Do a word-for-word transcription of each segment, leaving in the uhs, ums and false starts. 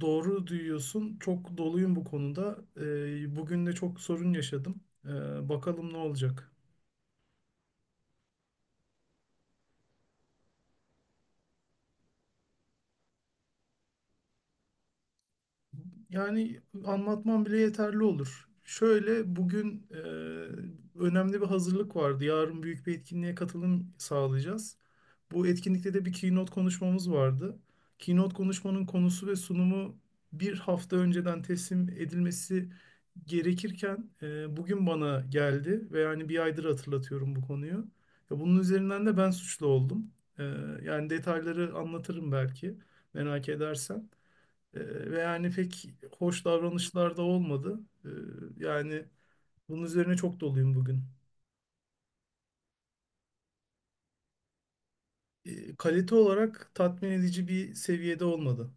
Doğru duyuyorsun. Çok doluyum bu konuda. Ee, bugün de çok sorun yaşadım. Ee, bakalım ne olacak. Yani anlatmam bile yeterli olur. Şöyle bugün e, önemli bir hazırlık vardı. Yarın büyük bir etkinliğe katılım sağlayacağız. Bu etkinlikte de bir keynote konuşmamız vardı. Keynote konuşmanın konusu ve sunumu bir hafta önceden teslim edilmesi gerekirken e, bugün bana geldi ve yani bir aydır hatırlatıyorum bu konuyu. Ya bunun üzerinden de ben suçlu oldum. E, yani detayları anlatırım belki merak edersen. Ee, ve yani pek hoş davranışlar da olmadı. Ee, yani bunun üzerine çok doluyum bugün. Ee, kalite olarak tatmin edici bir seviyede olmadı.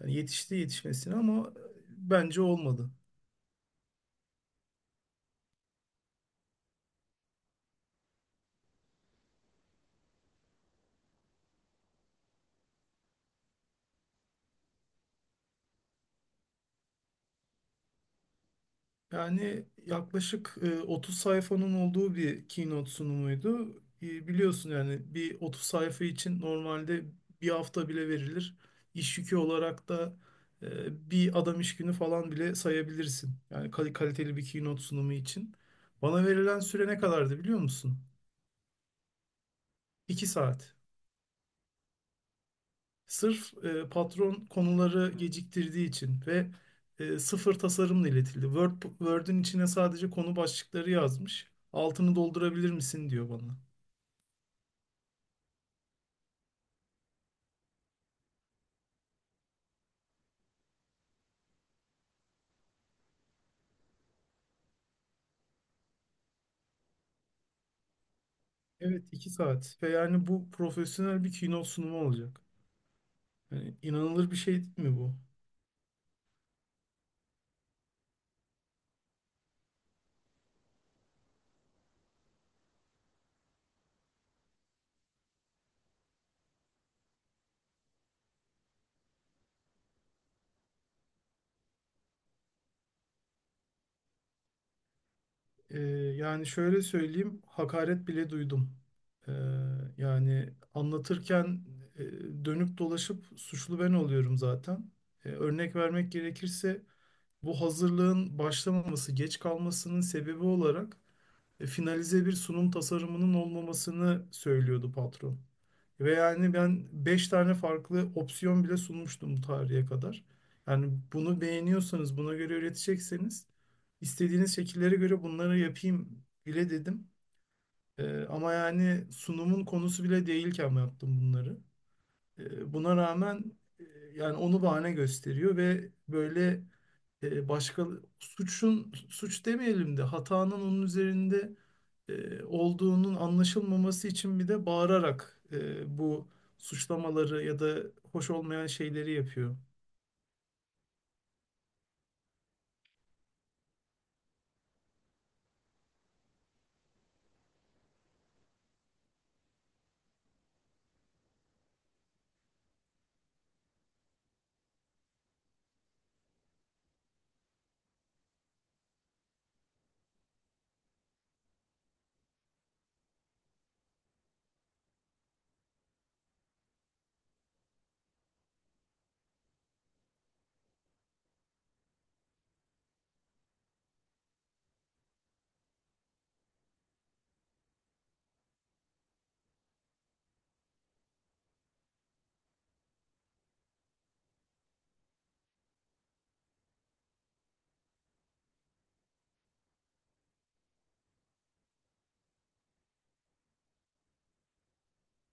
Yani yetişti yetişmesine ama bence olmadı. Yani yaklaşık e, otuz sayfanın olduğu bir keynote sunumuydu. E, Biliyorsun yani bir otuz sayfa için normalde bir hafta bile verilir. İş yükü olarak da e, bir adam iş günü falan bile sayabilirsin. Yani kal- kaliteli bir keynote sunumu için. Bana verilen süre ne kadardı biliyor musun? iki saat. Sırf e, patron konuları geciktirdiği için ve e, sıfır tasarımla iletildi. Word, Word'ün içine sadece konu başlıkları yazmış. Altını doldurabilir misin diyor bana. Evet iki saat. Ve yani bu profesyonel bir keynote sunumu olacak. Yani inanılır bir şey değil mi bu? Ee, yani şöyle söyleyeyim, hakaret bile duydum. Ee, yani anlatırken e, dönüp dolaşıp suçlu ben oluyorum zaten. Ee, örnek vermek gerekirse bu hazırlığın başlamaması, geç kalmasının sebebi olarak e, finalize bir sunum tasarımının olmamasını söylüyordu patron. Ve yani ben beş tane farklı opsiyon bile sunmuştum bu tarihe kadar. Yani bunu beğeniyorsanız, buna göre üretecekseniz İstediğiniz şekillere göre bunları yapayım bile dedim. Ee, ama yani sunumun konusu bile değilken yaptım bunları. Ee, buna rağmen e, yani onu bahane gösteriyor ve böyle e, başka suçun, suç demeyelim de hatanın onun üzerinde e, olduğunun anlaşılmaması için bir de bağırarak e, bu suçlamaları ya da hoş olmayan şeyleri yapıyor.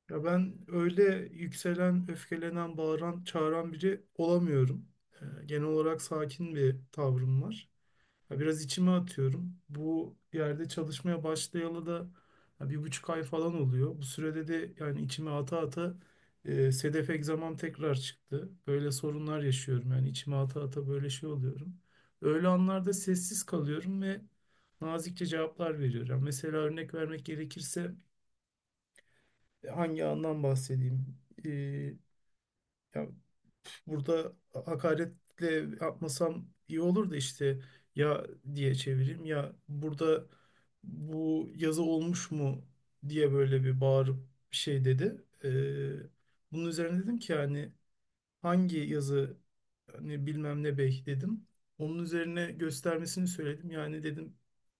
Ya ben öyle yükselen, öfkelenen, bağıran, çağıran biri olamıyorum. Ee, genel olarak sakin bir tavrım var. Ya biraz içime atıyorum. Bu yerde çalışmaya başlayalı da ya bir buçuk ay falan oluyor. Bu sürede de yani içime ata ata e, sedef egzamam tekrar çıktı. Böyle sorunlar yaşıyorum. Yani içime ata ata böyle şey oluyorum. Öyle anlarda sessiz kalıyorum ve nazikçe cevaplar veriyorum. Yani mesela örnek vermek gerekirse hangi andan bahsedeyim? Ee, ya burada hakaretle yapmasam iyi olur da işte ya diye çevireyim ya, burada bu yazı olmuş mu diye böyle bir bağırıp bir şey dedi. Ee, bunun üzerine dedim ki yani hangi yazı hani bilmem ne bey dedim. Onun üzerine göstermesini söyledim. Yani dedim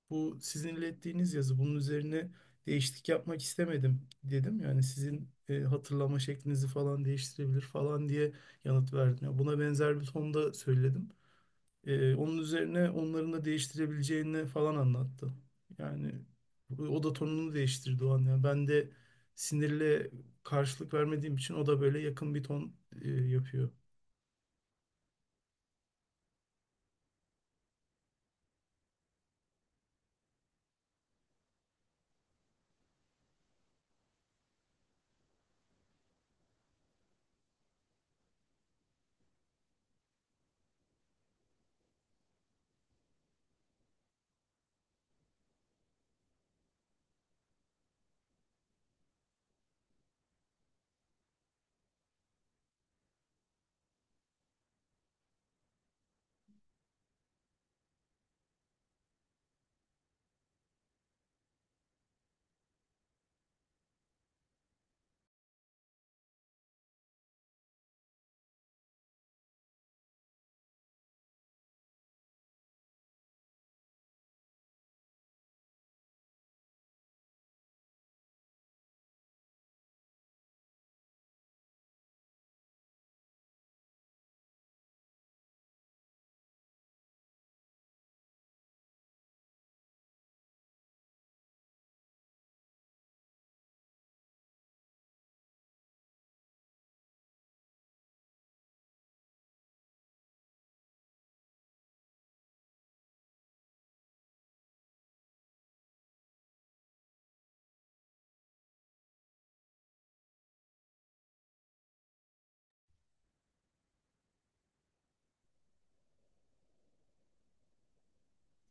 bu sizin ilettiğiniz yazı. Bunun üzerine değişiklik yapmak istemedim dedim. Yani sizin e, hatırlama şeklinizi falan değiştirebilir falan diye yanıt verdim. Ya buna benzer bir tonda söyledim. E, onun üzerine onların da değiştirebileceğini falan anlattı. Yani o da tonunu değiştirdi o an. Yani ben de sinirle karşılık vermediğim için o da böyle yakın bir ton e, yapıyor.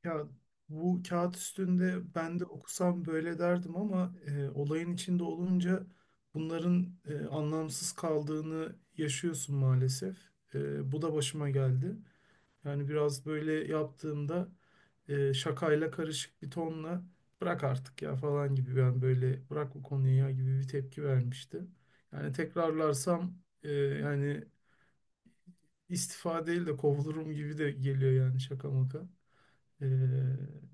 Ya bu kağıt üstünde ben de okusam böyle derdim ama e, olayın içinde olunca bunların e, anlamsız kaldığını yaşıyorsun maalesef. E, bu da başıma geldi. Yani biraz böyle yaptığımda e, şakayla karışık bir tonla bırak artık ya falan gibi, ben böyle bırak bu konuyu ya gibi bir tepki vermişti. Yani tekrarlarsam e, yani istifa değil de kovulurum gibi de geliyor yani, şaka maka. Ee,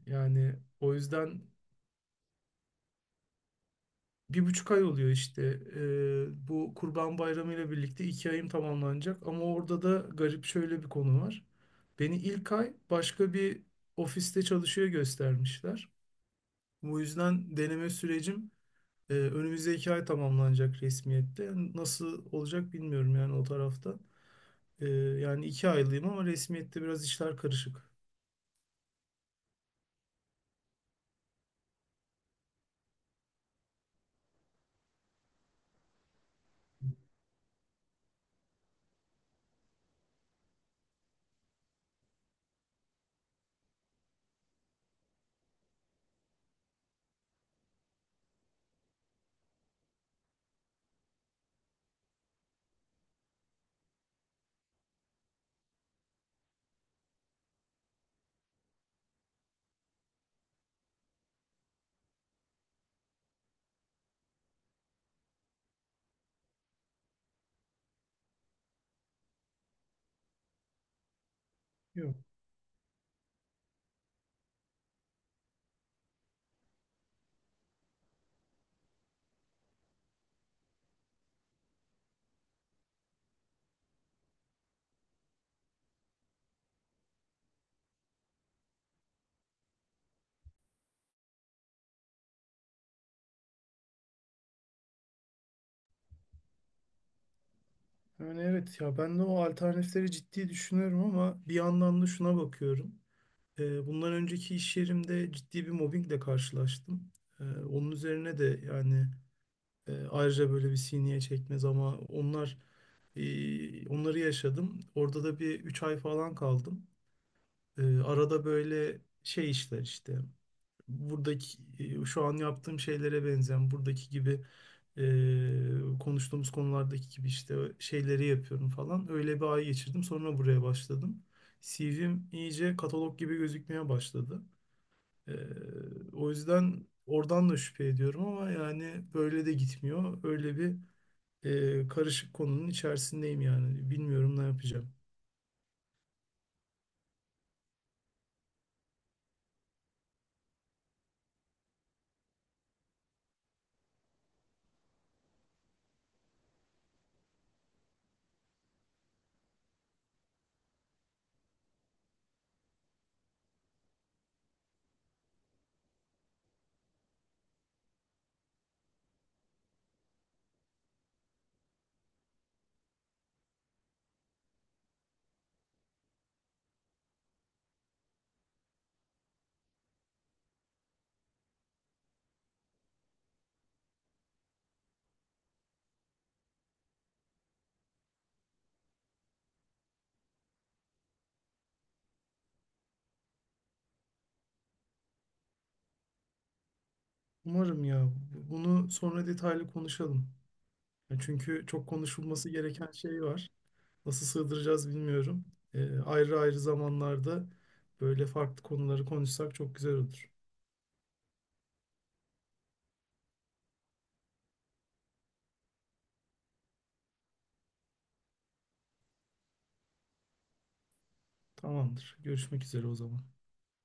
yani o yüzden bir buçuk ay oluyor işte. Ee, bu Kurban Bayramı ile birlikte iki ayım tamamlanacak. Ama orada da garip şöyle bir konu var. Beni ilk ay başka bir ofiste çalışıyor göstermişler. Bu yüzden deneme sürecim e, önümüzdeki ay tamamlanacak resmiyette. Nasıl olacak bilmiyorum yani o tarafta. Ee, yani iki aylıyım ama resmiyette biraz işler karışık. Yok. Yani evet ya, ben de o alternatifleri ciddi düşünüyorum ama bir yandan da şuna bakıyorum. Ee, bundan önceki iş yerimde ciddi bir mobbingle karşılaştım. Ee, onun üzerine de yani e, ayrıca böyle bir sineye çekmez ama onlar e, onları yaşadım. Orada da bir üç ay falan kaldım. Ee, arada böyle şey işler işte buradaki e, şu an yaptığım şeylere benzeyen buradaki gibi e, konuştuğumuz konulardaki gibi işte şeyleri yapıyorum falan. Öyle bir ay geçirdim. Sonra buraya başladım. C V'm iyice katalog gibi gözükmeye başladı. E, o yüzden oradan da şüphe ediyorum ama yani böyle de gitmiyor. Öyle bir e, karışık konunun içerisindeyim yani. Bilmiyorum ne yapacağım. Umarım, ya bunu sonra detaylı konuşalım. Ya çünkü çok konuşulması gereken şey var. Nasıl sığdıracağız bilmiyorum. Ee, ayrı ayrı zamanlarda böyle farklı konuları konuşsak çok güzel olur. Tamamdır. Görüşmek üzere o zaman.